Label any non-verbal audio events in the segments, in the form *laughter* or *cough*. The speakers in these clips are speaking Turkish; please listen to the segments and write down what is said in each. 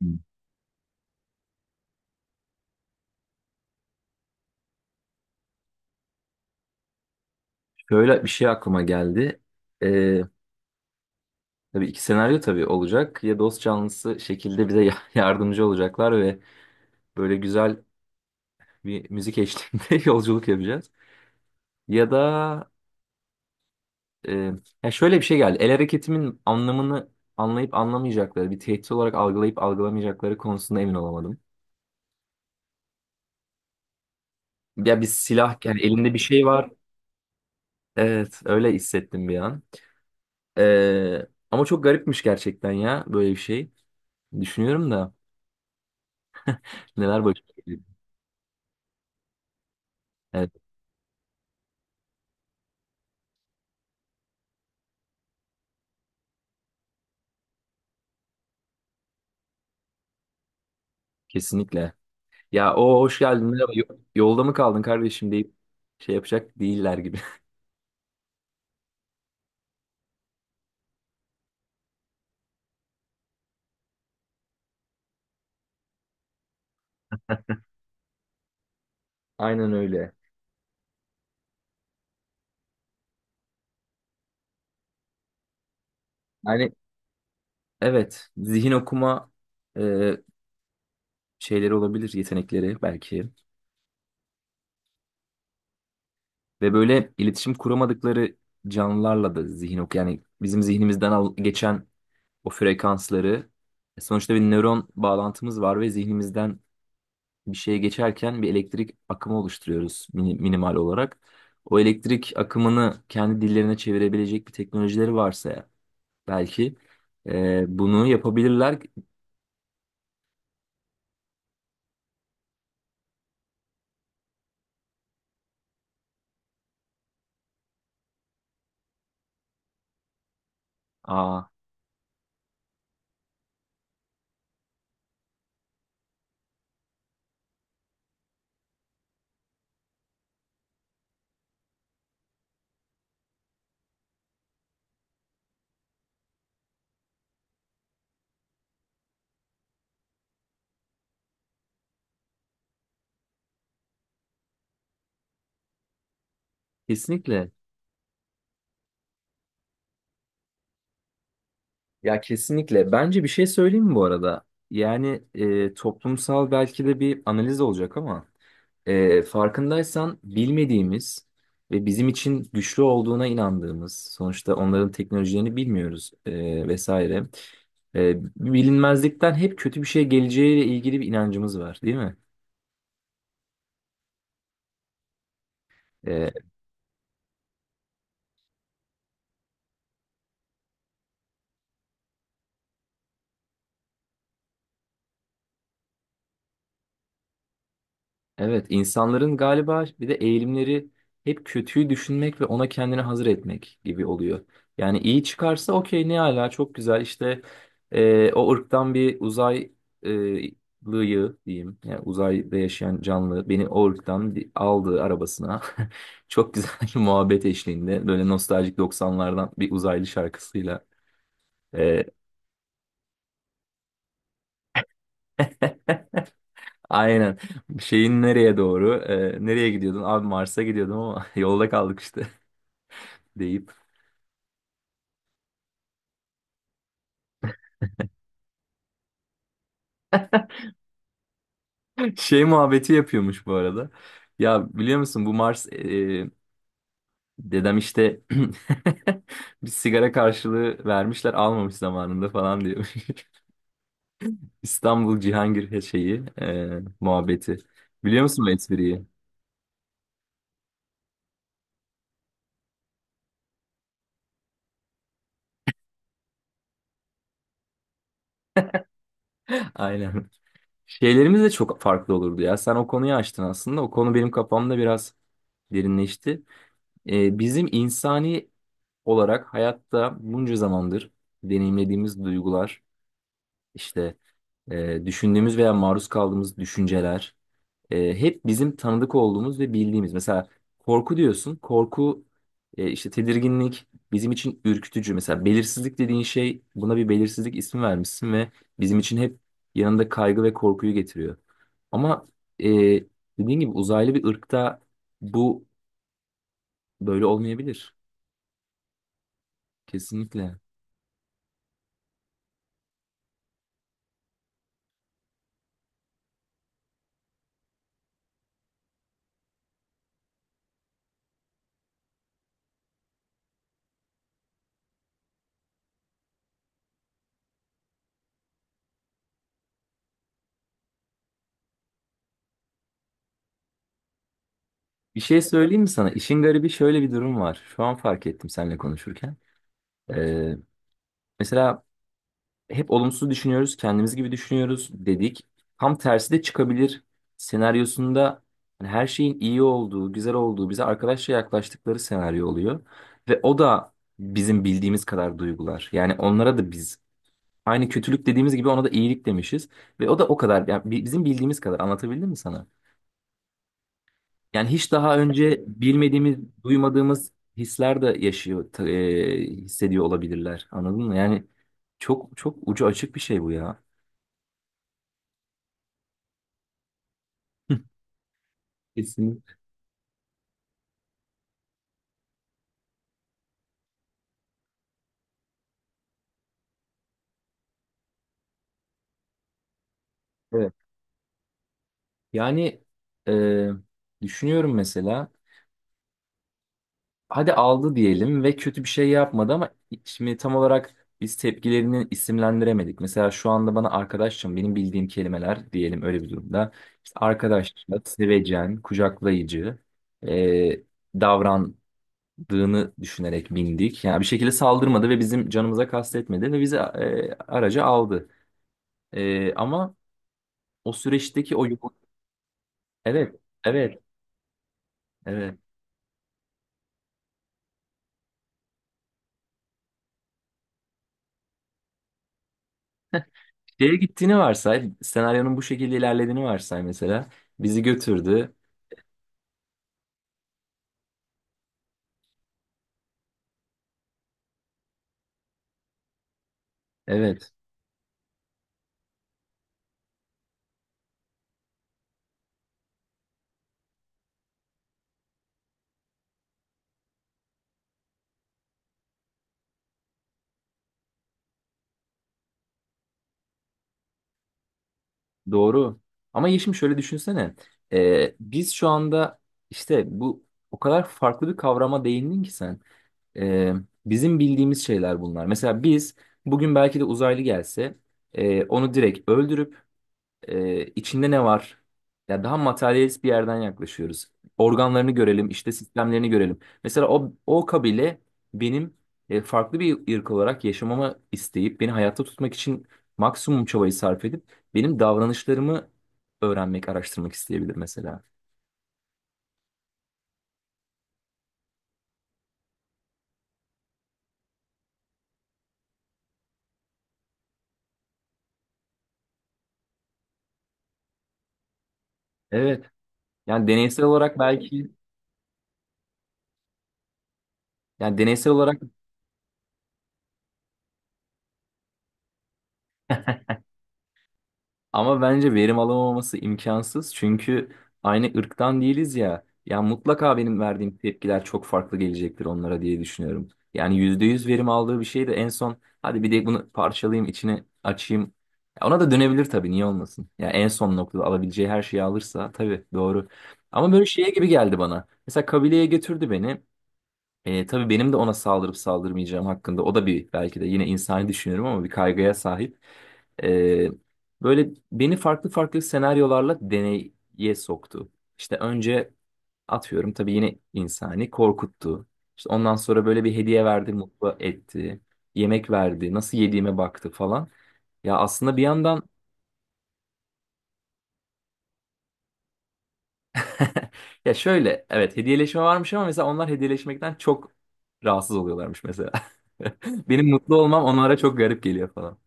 Hmm. Şöyle bir şey aklıma geldi. Ee, tabii iki senaryo olacak. Ya dost canlısı şekilde bize *laughs* yardımcı olacaklar ve böyle güzel bir müzik eşliğinde *laughs* yolculuk yapacağız. Ya da e, ya şöyle bir şey geldi. El hareketimin anlamını anlayıp anlamayacakları, bir tehdit olarak algılayıp algılamayacakları konusunda emin olamadım. Ya bir silah, yani elinde bir şey var. Evet, öyle hissettim bir an. Ama çok garipmiş gerçekten ya böyle bir şey. Düşünüyorum da neler başına gelebilir. Kesinlikle. Ya o hoş geldin merhaba yolda mı kaldın kardeşim deyip şey yapacak değiller gibi. *laughs* Aynen öyle. Yani evet zihin okuma e, şeyleri olabilir yetenekleri belki ve böyle iletişim kuramadıkları canlılarla da zihin ok yani bizim zihnimizden geçen o frekansları, sonuçta bir nöron bağlantımız var ve zihnimizden bir şeye geçerken bir elektrik akımı oluşturuyoruz minimal olarak. O elektrik akımını kendi dillerine çevirebilecek bir teknolojileri varsa ya, belki bunu yapabilirler. Aa, kesinlikle. Ya kesinlikle. Bence bir şey söyleyeyim mi bu arada? Yani toplumsal belki de bir analiz olacak ama farkındaysan bilmediğimiz ve bizim için güçlü olduğuna inandığımız, sonuçta onların teknolojilerini bilmiyoruz vesaire. Bilinmezlikten hep kötü bir şey geleceğiyle ilgili bir inancımız var, değil mi? E, Evet, insanların galiba bir de eğilimleri hep kötüyü düşünmek ve ona kendini hazır etmek gibi oluyor. Yani iyi çıkarsa okey ne ala çok güzel işte, o ırktan bir uzaylıyı diyeyim. Yani uzayda yaşayan canlı beni o ırktan bir aldı arabasına. *laughs* Çok güzel bir muhabbet eşliğinde böyle nostaljik doksanlardan bir uzaylı şarkısıyla. E, aynen şeyin nereye doğru, nereye gidiyordun abi? Mars'a gidiyordum ama *laughs* yolda kaldık işte *laughs* deyip. Şey muhabbeti yapıyormuş bu arada. Ya biliyor musun bu Mars dedem işte *clears throat* bir sigara karşılığı vermişler almamış zamanında falan diyor. *laughs* İstanbul Cihangir şeyi muhabbeti. Biliyor musun bu espriyi? *laughs* Aynen. Şeylerimiz de çok farklı olurdu ya. Sen o konuyu açtın aslında. O konu benim kafamda biraz derinleşti. Bizim insani olarak hayatta bunca zamandır deneyimlediğimiz duygular işte, düşündüğümüz veya maruz kaldığımız düşünceler, hep bizim tanıdık olduğumuz ve bildiğimiz. Mesela korku diyorsun. Korku, işte tedirginlik bizim için ürkütücü. Mesela belirsizlik dediğin şey, buna bir belirsizlik ismi vermişsin ve bizim için hep yanında kaygı ve korkuyu getiriyor. Ama e, dediğin gibi uzaylı bir ırkta bu böyle olmayabilir. Kesinlikle. Bir şey söyleyeyim mi sana? İşin garibi şöyle bir durum var. Şu an fark ettim seninle konuşurken. E, mesela hep olumsuz düşünüyoruz, kendimiz gibi düşünüyoruz dedik. Tam tersi de çıkabilir senaryosunda hani her şeyin iyi olduğu, güzel olduğu, bize arkadaşça yaklaştıkları senaryo oluyor. Ve o da bizim bildiğimiz kadar duygular. Yani onlara da biz aynı kötülük dediğimiz gibi ona da iyilik demişiz. Ve o da o kadar, yani bizim bildiğimiz kadar, anlatabildim mi sana? Yani hiç daha önce bilmediğimiz, duymadığımız hisler de yaşıyor, hissediyor olabilirler. Anladın mı? Yani çok çok ucu açık bir şey bu ya. *laughs* Kesinlikle. Evet. Yani e, düşünüyorum mesela, hadi aldı diyelim ve kötü bir şey yapmadı ama şimdi tam olarak biz tepkilerini isimlendiremedik. Mesela şu anda bana arkadaşım, benim bildiğim kelimeler diyelim öyle bir durumda. İşte arkadaşça, sevecen, kucaklayıcı e, davrandığını düşünerek bindik. Yani bir şekilde saldırmadı ve bizim canımıza kastetmedi ve bizi araca aldı. Ama o süreçteki o yol... Evet, evet, evet. Şeye gittiğini varsay, senaryonun bu şekilde ilerlediğini varsay mesela. Bizi götürdü. Evet, doğru. Ama Yeşim, şöyle düşünsene. Biz şu anda işte bu, o kadar farklı bir kavrama değindin ki sen. Ee, bizim bildiğimiz şeyler bunlar. Mesela biz bugün belki de uzaylı gelse, onu direkt öldürüp, içinde ne var? Ya daha materyalist bir yerden yaklaşıyoruz. Organlarını görelim, işte sistemlerini görelim. Mesela o, o kabile benim farklı bir ırk olarak yaşamama isteyip beni hayatta tutmak için maksimum çabayı sarf edip benim davranışlarımı öğrenmek, araştırmak isteyebilir mesela. Evet. Yani deneysel olarak belki, yani deneysel olarak. Ama bence verim alamaması imkansız. Çünkü aynı ırktan değiliz ya. Ya mutlaka benim verdiğim tepkiler çok farklı gelecektir onlara diye düşünüyorum. Yani %100 verim aldığı bir şey de en son, hadi bir de bunu parçalayayım içine açayım. Ya ona da dönebilir tabii, niye olmasın. Ya en son noktada alabileceği her şeyi alırsa tabii, doğru. Ama böyle şeye gibi geldi bana. Mesela kabileye götürdü beni. Tabii benim de ona saldırıp saldırmayacağım hakkında o da, bir belki de yine insani düşünüyorum ama, bir kaygıya sahip. E, böyle beni farklı farklı senaryolarla deneye soktu. İşte önce, atıyorum tabii yine insani, korkuttu. İşte ondan sonra böyle bir hediye verdi, mutlu etti. Yemek verdi, nasıl yediğime baktı falan. Ya aslında bir yandan *laughs* ya şöyle, evet hediyeleşme varmış ama mesela onlar hediyeleşmekten çok rahatsız oluyorlarmış mesela. *laughs* Benim mutlu olmam onlara çok garip geliyor falan.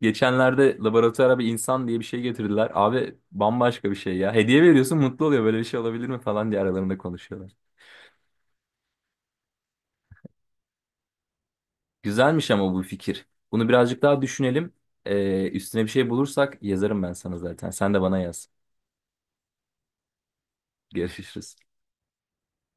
Geçenlerde laboratuvara bir insan diye bir şey getirdiler. Abi bambaşka bir şey ya. Hediye veriyorsun mutlu oluyor, böyle bir şey olabilir mi falan diye aralarında konuşuyorlar. Güzelmiş ama bu fikir. Bunu birazcık daha düşünelim. Üstüne bir şey bulursak yazarım ben sana zaten. Sen de bana yaz. Görüşürüz.